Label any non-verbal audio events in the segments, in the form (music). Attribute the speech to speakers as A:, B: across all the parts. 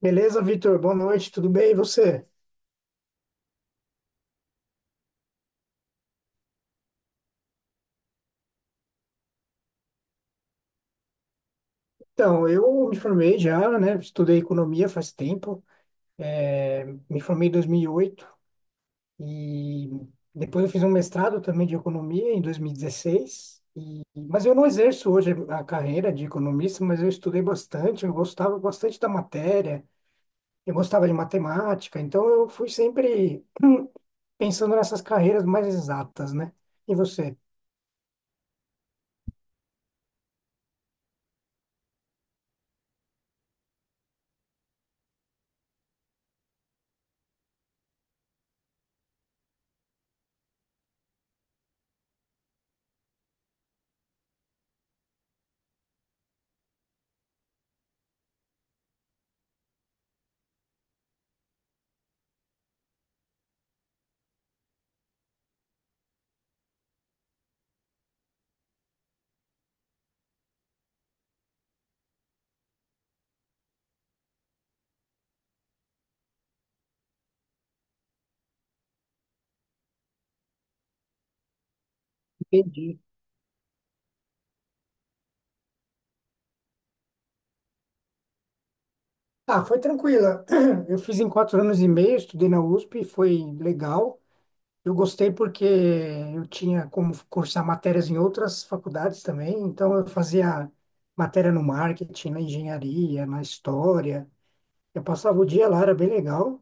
A: Beleza, Vitor? Boa noite, tudo bem? E você? Então, eu me formei já, né? Estudei economia faz tempo, me formei em 2008 e oito e depois eu fiz um mestrado também de economia em 2016. E- dezesseis. Mas eu não exerço hoje a carreira de economista, mas eu estudei bastante, eu gostava bastante da matéria, eu gostava de matemática, então eu fui sempre pensando nessas carreiras mais exatas, né? E você? Entendi. Ah, foi tranquila. (clears throat) Eu fiz em 4 anos e meio, estudei na USP, foi legal. Eu gostei porque eu tinha como cursar matérias em outras faculdades também, então eu fazia matéria no marketing, na engenharia, na história. Eu passava o dia lá, era bem legal.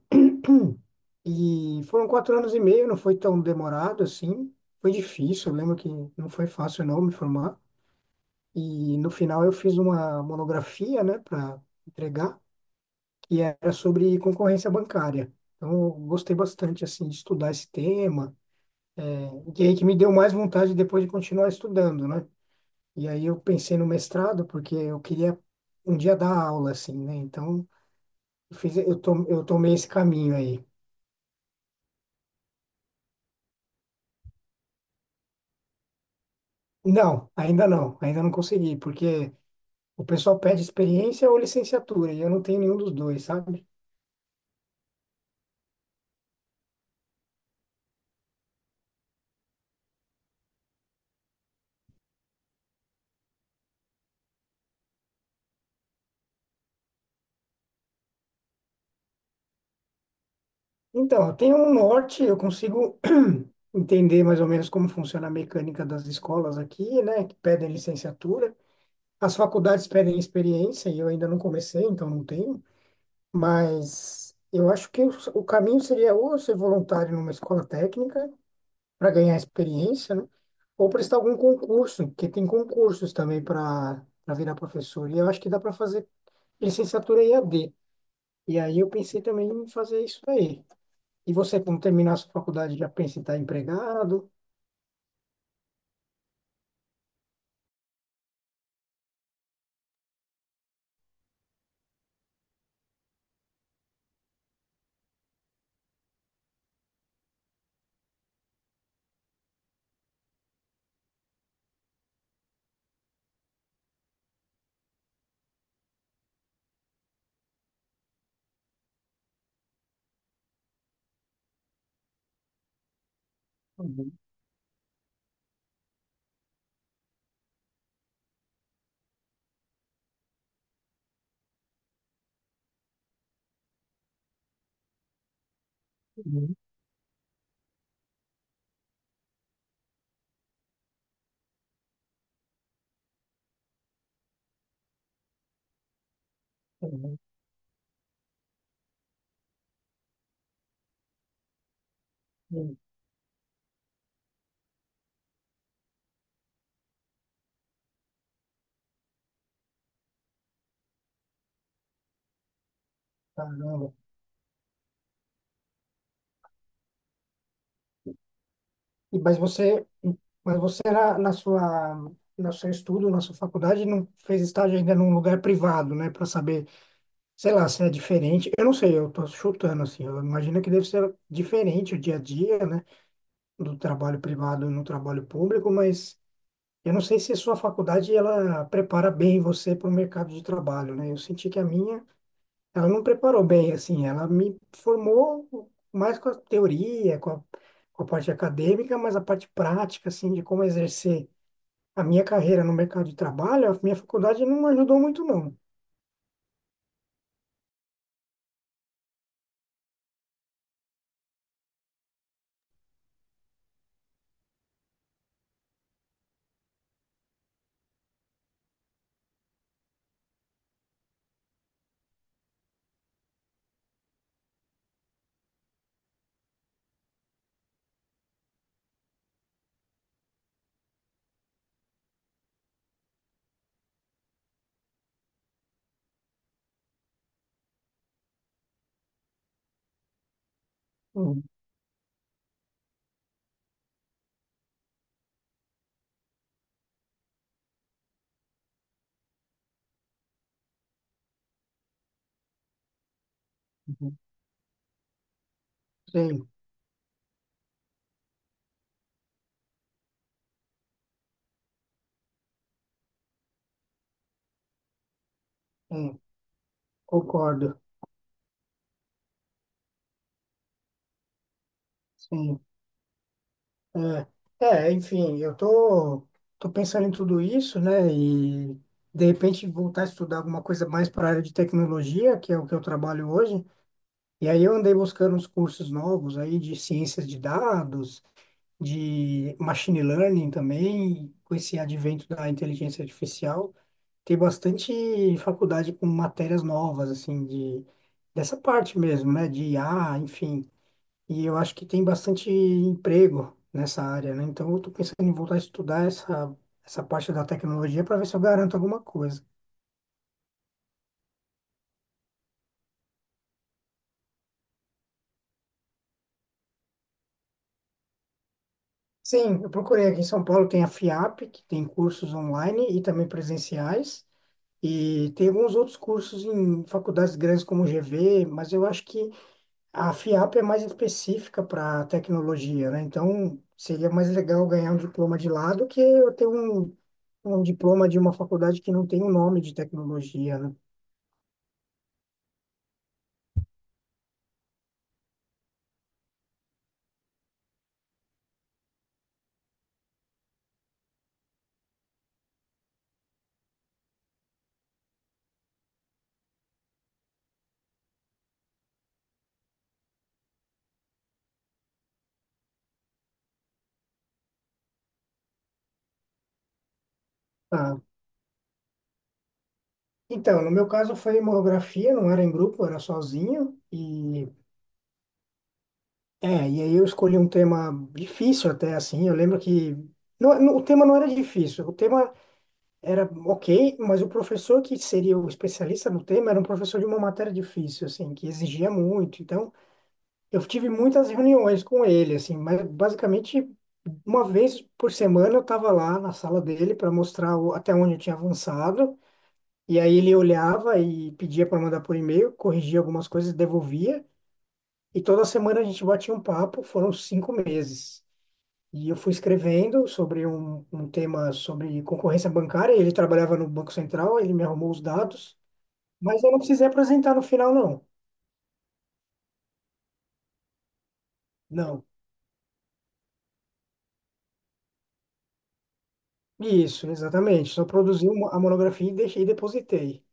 A: E foram 4 anos e meio, não foi tão demorado assim. Foi difícil, eu lembro que não foi fácil não me formar. E no final eu fiz uma monografia, né, para entregar, que era sobre concorrência bancária. Então eu gostei bastante assim de estudar esse tema. O que que me deu mais vontade depois de continuar estudando, né? E aí eu pensei no mestrado, porque eu queria um dia dar aula, assim, né? Então, eu fiz, eu, to, eu tomei esse caminho aí. Não, ainda não, ainda não consegui, porque o pessoal pede experiência ou licenciatura, e eu não tenho nenhum dos dois, sabe? Então, eu tenho um norte, eu consigo (clears throat) entender mais ou menos como funciona a mecânica das escolas aqui, né? Que pedem licenciatura. As faculdades pedem experiência, e eu ainda não comecei, então não tenho. Mas eu acho que o caminho seria ou eu ser voluntário numa escola técnica para ganhar experiência, né? Ou prestar algum concurso, porque tem concursos também para virar professor. E eu acho que dá para fazer licenciatura e EAD. E aí eu pensei também em fazer isso aí. E você, quando terminar a sua faculdade, já pensa em estar empregado? Uhum, uhum, uhum, uhum. Caramba. Mas você, mas você na, na sua, no seu estudo, na sua faculdade, não fez estágio ainda num lugar privado, né? Para saber, sei lá, se é diferente. Eu não sei, eu tô chutando assim. Eu imagino que deve ser diferente o dia a dia, né? Do trabalho privado no trabalho público, mas eu não sei se a sua faculdade ela prepara bem você para o mercado de trabalho, né? Eu senti que a minha ela não preparou bem, assim, ela me formou mais com a teoria, com a parte acadêmica, mas a parte prática, assim, de como exercer a minha carreira no mercado de trabalho, a minha faculdade não ajudou muito, não. Uhum. Sim, sim, concordo, sim. É, é, enfim, eu tô pensando em tudo isso, né, e de repente voltar a estudar alguma coisa mais para a área de tecnologia, que é o que eu trabalho hoje. E aí eu andei buscando uns cursos novos aí de ciências de dados, de machine learning também, com esse advento da inteligência artificial, tem bastante faculdade com matérias novas assim de dessa parte mesmo, né, de IA, enfim. E eu acho que tem bastante emprego nessa área, né? Então eu tô pensando em voltar a estudar essa parte da tecnologia para ver se eu garanto alguma coisa. Sim, eu procurei aqui em São Paulo, tem a FIAP, que tem cursos online e também presenciais. E tem alguns outros cursos em faculdades grandes como o GV, mas eu acho que a FIAP é mais específica para tecnologia, né? Então, seria mais legal ganhar um diploma de lá do que eu ter um diploma de uma faculdade que não tem o nome de tecnologia, né? Tá. Então, no meu caso foi monografia, não era em grupo, era sozinho. E, e aí eu escolhi um tema difícil até, assim. Eu lembro que... Não, não, o tema não era difícil, o tema era ok, mas o professor que seria o especialista no tema era um professor de uma matéria difícil, assim, que exigia muito. Então, eu tive muitas reuniões com ele, assim, mas basicamente uma vez por semana eu estava lá na sala dele para mostrar o- até onde eu tinha avançado. E aí ele olhava e pedia para mandar por e-mail, corrigia algumas coisas, devolvia. E toda semana a gente batia um papo, foram 5 meses. E eu fui escrevendo sobre um tema sobre concorrência bancária. Ele trabalhava no Banco Central, ele me arrumou os dados, mas eu não precisei apresentar no final, não. Não. Isso, exatamente. Só produzi uma- a monografia e deixei e depositei.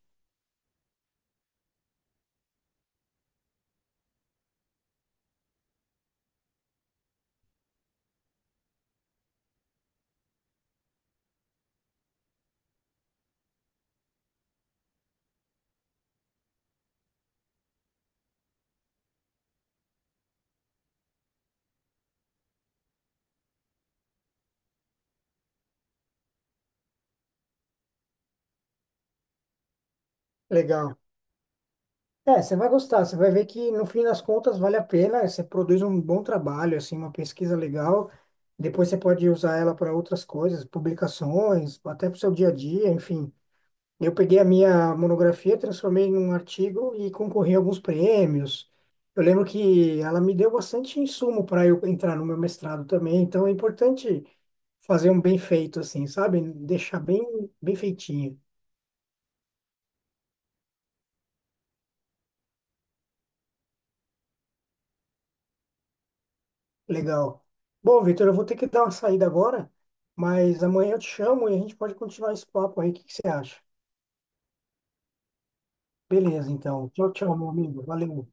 A: Legal. É, você vai gostar, você vai ver que no fim das contas vale a pena, você produz um bom trabalho, assim, uma pesquisa legal. Depois você pode usar ela para outras coisas, publicações, até para o seu dia a dia, enfim. Eu peguei a minha monografia, transformei em um artigo e concorri a alguns prêmios. Eu lembro que ela me deu bastante insumo para eu entrar no meu mestrado também, então é importante fazer um bem feito assim, sabe? Deixar bem, bem feitinho. Legal. Bom, Vitor, eu vou ter que dar uma saída agora, mas amanhã eu te chamo e a gente pode continuar esse papo aí. O que que você acha? Beleza, então. Tchau, tchau, meu amigo. Valeu.